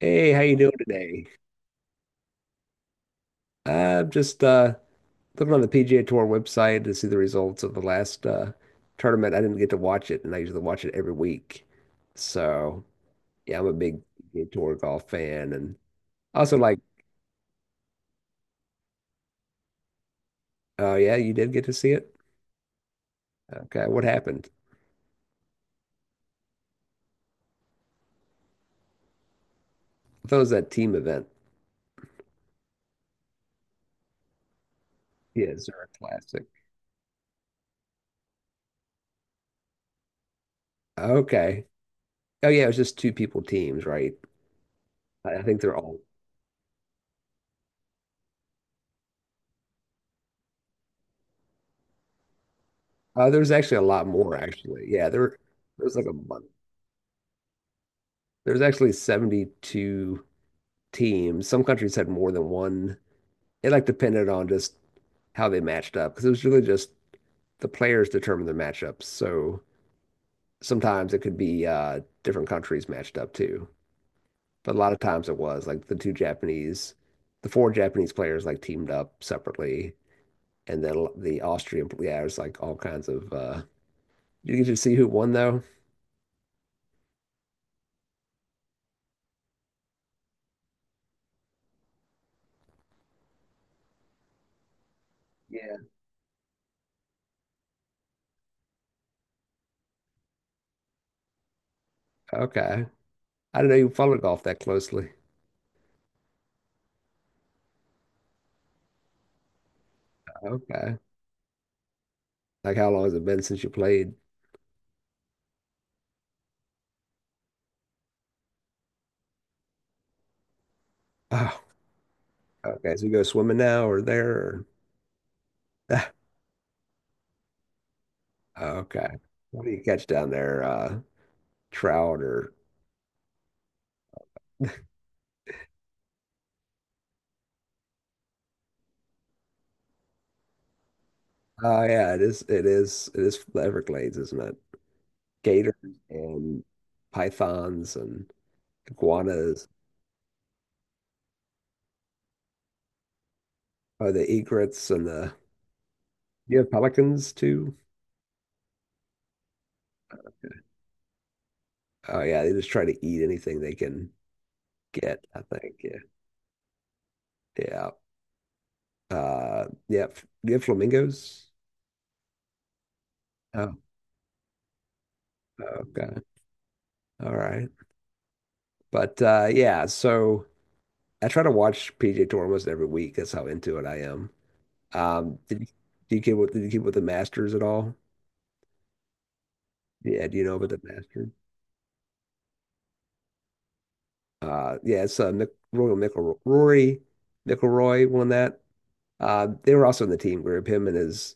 Hey, how you doing today? I'm just looking on the PGA Tour website to see the results of the last tournament. I didn't get to watch it, and I usually watch it every week. So yeah, I'm a big PGA Tour golf fan, and also like, oh yeah, you did get to see it? Okay, what happened? I thought it was that team event. Yeah, Zurich Classic. Okay. Oh yeah, it was just two people teams, right? I think they're all. There's actually a lot more, actually. Yeah, there's like a bunch. There's actually 72 teams. Some countries had more than one. It like depended on just how they matched up because it was really just the players determined the matchups. So sometimes it could be different countries matched up too. But a lot of times it was like the two Japanese, the four Japanese players like teamed up separately, and then the Austrian, yeah, it was like all kinds of. Did you get to see who won though? Yeah. Okay. I didn't know you followed golf that closely. Okay. Like how long has it been since you played? Oh, okay. So you go swimming now, or there? Or. Okay. What do you catch down there? Trout? Or oh yeah, it is the Everglades, isn't it? Gators and pythons and iguanas. Oh, the egrets and the you have pelicans too. Oh yeah, they just try to eat anything they can get, I think. Yeah. Yeah. Yeah. Do you have flamingos? Oh, okay. All right. But yeah, so I try to watch PJ Tour almost every week. That's how into it I am. Um, did you, did you keep with the Masters at all? Yeah, do you know about the Masters? Yeah, it's Rory McIlroy won that. They were also in the team group, him and his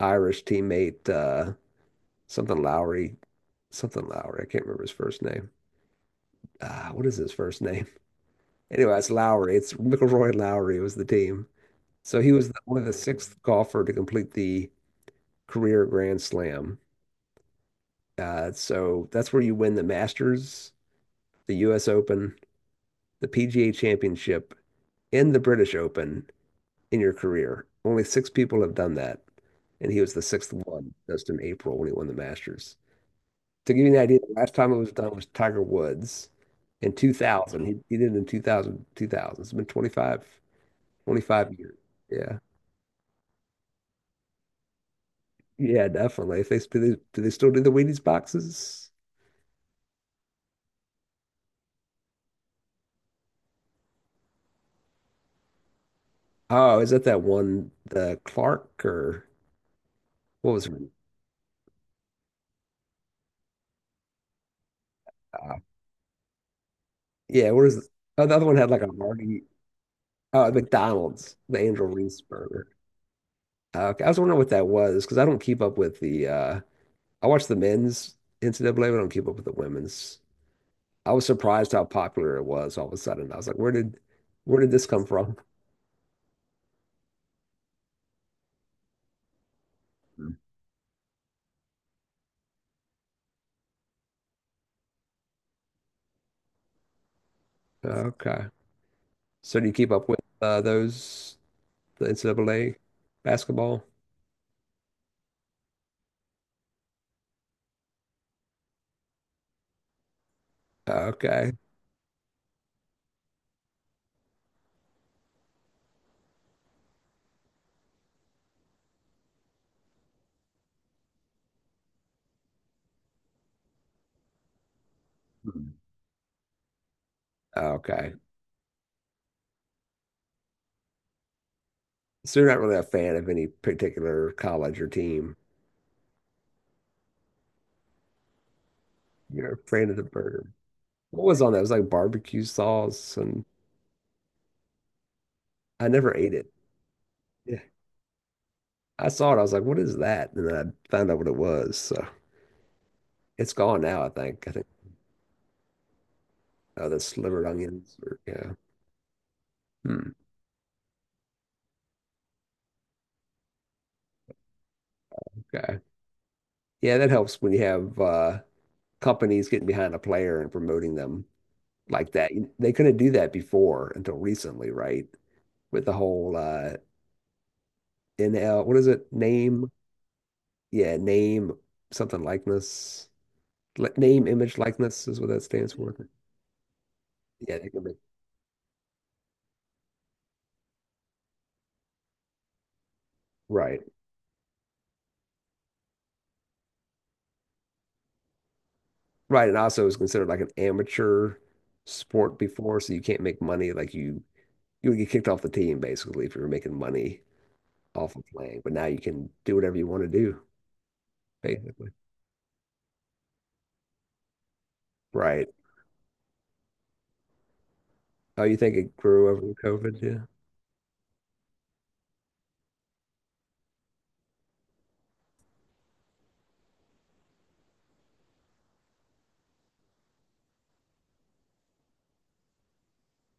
Irish teammate, something Lowry, something Lowry. I can't remember his first name. What is his first name? Anyway, it's Lowry. It's McIlroy Lowry was the team. So he was one of the sixth golfer to complete the career Grand Slam. So that's where you win the Masters, the U.S. Open, the PGA Championship, and the British Open in your career. Only six people have done that. And he was the sixth one, just in April when he won the Masters. To give you an idea, the last time it was done was Tiger Woods in 2000. He did it in 2000. It's been 25 years. Yeah. Yeah, definitely. If they, do they, Do they still do the Wheaties boxes? Oh, is that that one, the Clark, or what was her? Uh, yeah, what is oh, the other one had like a Marty. Oh, at McDonald's, the Angel Reese burger. Okay, I was wondering what that was because I don't keep up with the. I watch the men's NCAA, but I don't keep up with the women's. I was surprised how popular it was all of a sudden. I was like, where did this come from? Mm. Okay, so do you keep up with those the NCAA basketball? Okay. Mm. Okay. So you're not really a fan of any particular college or team. You're a fan of the burger. What was on that? It was like barbecue sauce, and I never ate it. Yeah. I saw it. I was like, what is that? And then I found out what it was. So it's gone now, I think. The slivered onions or yeah. Hmm. Okay. Yeah, that helps when you have companies getting behind a player and promoting them like that. They couldn't do that before until recently, right? With the whole NL, what is it? Name, yeah, name something likeness. Name, image, likeness is what that stands for. Yeah, they can be right. Right, and also it was considered like an amateur sport before, so you can't make money. Like you would get kicked off the team basically if you were making money off of playing. But now you can do whatever you want to do, basically. Right. Oh, you think it grew over COVID? Yeah.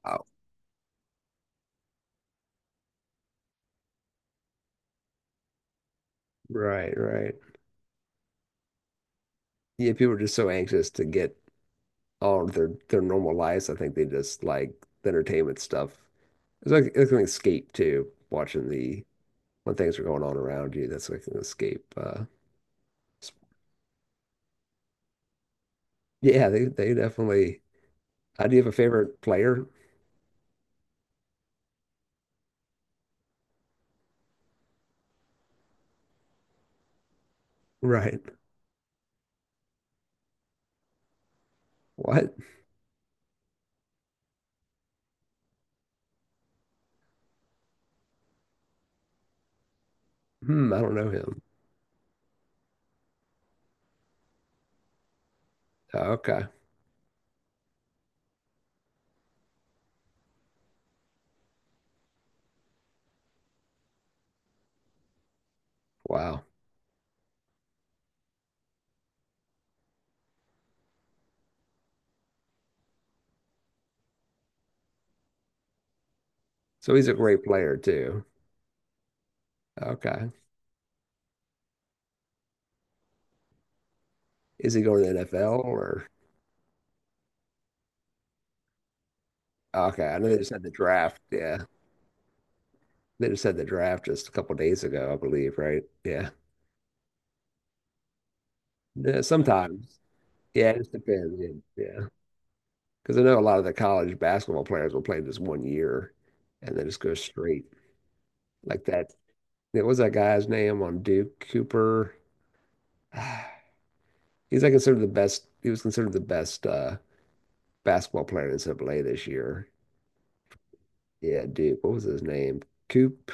Oh, right, right. Yeah, people are just so anxious to get all of their normal lives. I think they just like the entertainment stuff. It's like an escape too, watching the when things are going on around you. That's like an escape. Yeah, they definitely. I Do you have a favorite player? Right. What? Hmm, I don't know him. Oh, okay. Wow. So he's a great player too. Okay. Is he going to the NFL? Or okay, I know they just had the draft. Yeah. They just had the draft just a couple days ago, I believe, right? Yeah. Yeah, sometimes. Yeah, it just depends. Yeah. Yeah. Because I know a lot of the college basketball players will play just one year and then just go straight like that. What was that guy's name on Duke? Cooper? He's like considered the best. He was considered the best basketball player in NCAA this year. Yeah, Duke. What was his name? Coop.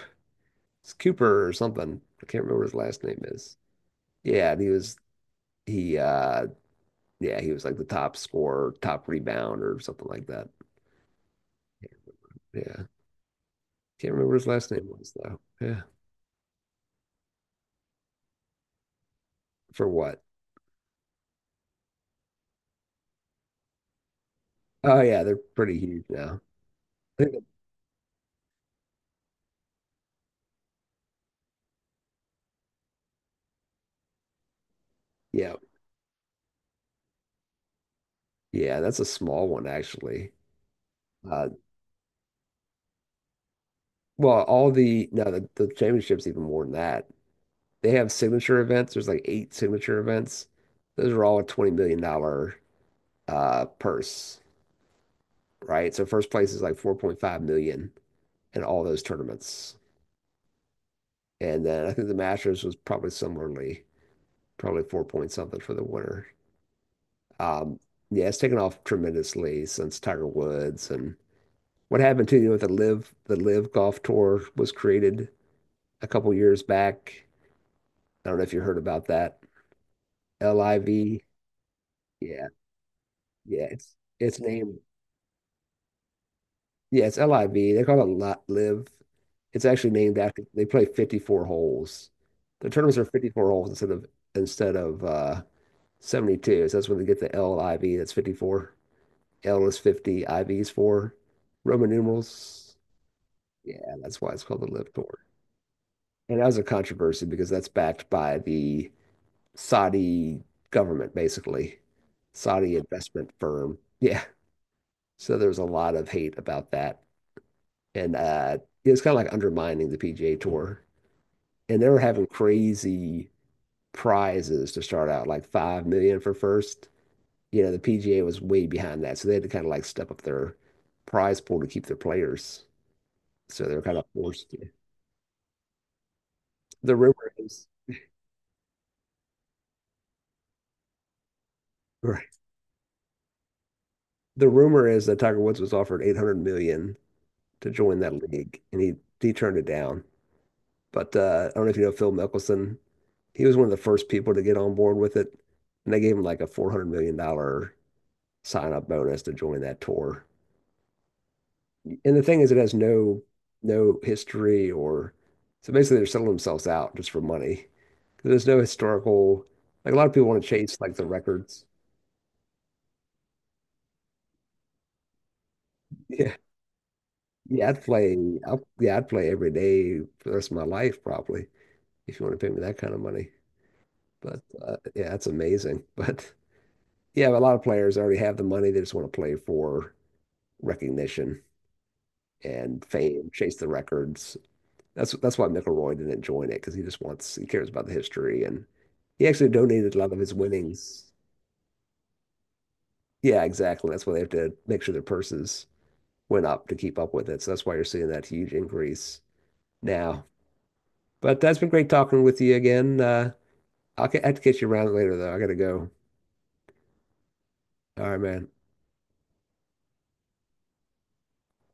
It's Cooper or something. I can't remember what his last name is. Yeah, and he. uh Yeah, he was like the top scorer, top rebound, or something like that. Yeah, can't remember what his last name was though. Yeah, for what? Oh yeah, they're pretty huge now. I think- that- Yeah, yeah, that's a small one actually. Uh, well, all the no, the championship's even more than that. They have signature events. There's like eight signature events. Those are all a $20 million purse, right? So first place is like 4.5 million in all those tournaments. And then I think the Masters was probably four point something for the winner. Um, yeah, it's taken off tremendously since Tiger Woods and what happened to you with the live golf tour was created a couple years back. I don't know if you heard about that. LIV. Yeah, yeah. It's LIV. They call it Lot Live. It's actually named after they play 54 holes. The tournaments are 54 holes instead of 72. So that's when they get the LIV. That's 54. L is 50, IV is 4. Roman numerals. Yeah, that's why it's called the Live Tour. And that was a controversy because that's backed by the Saudi government, basically. Saudi investment firm. Yeah. So there's a lot of hate about that. And it's kind of like undermining the PGA Tour. And they were having crazy prizes to start out, like 5 million for first. The PGA was way behind that, so they had to kind of like step up their prize pool to keep their players. So they were kind of forced to. The rumor is, right, the rumor is that Tiger Woods was offered 800 million to join that league, and he turned it down. But I don't know if you know Phil Mickelson. He was one of the first people to get on board with it, and they gave him like a 400 million dollar sign up bonus to join that tour. And the thing is, it has no history or so basically they're selling themselves out just for money. There's no historical like a lot of people want to chase like the records. Yeah, yeah, I'd play. Yeah, I'd play every day for the rest of my life probably if you want to pay me that kind of money. But yeah, that's amazing. But yeah, a lot of players already have the money. They just want to play for recognition and fame, chase the records. That's why McElroy didn't join it because he just wants he cares about the history, and he actually donated a lot of his winnings. Yeah, exactly. That's why they have to make sure their purses went up to keep up with it. So that's why you're seeing that huge increase now. But that's been great talking with you again. I have to get you around later though. I gotta go. All right, man.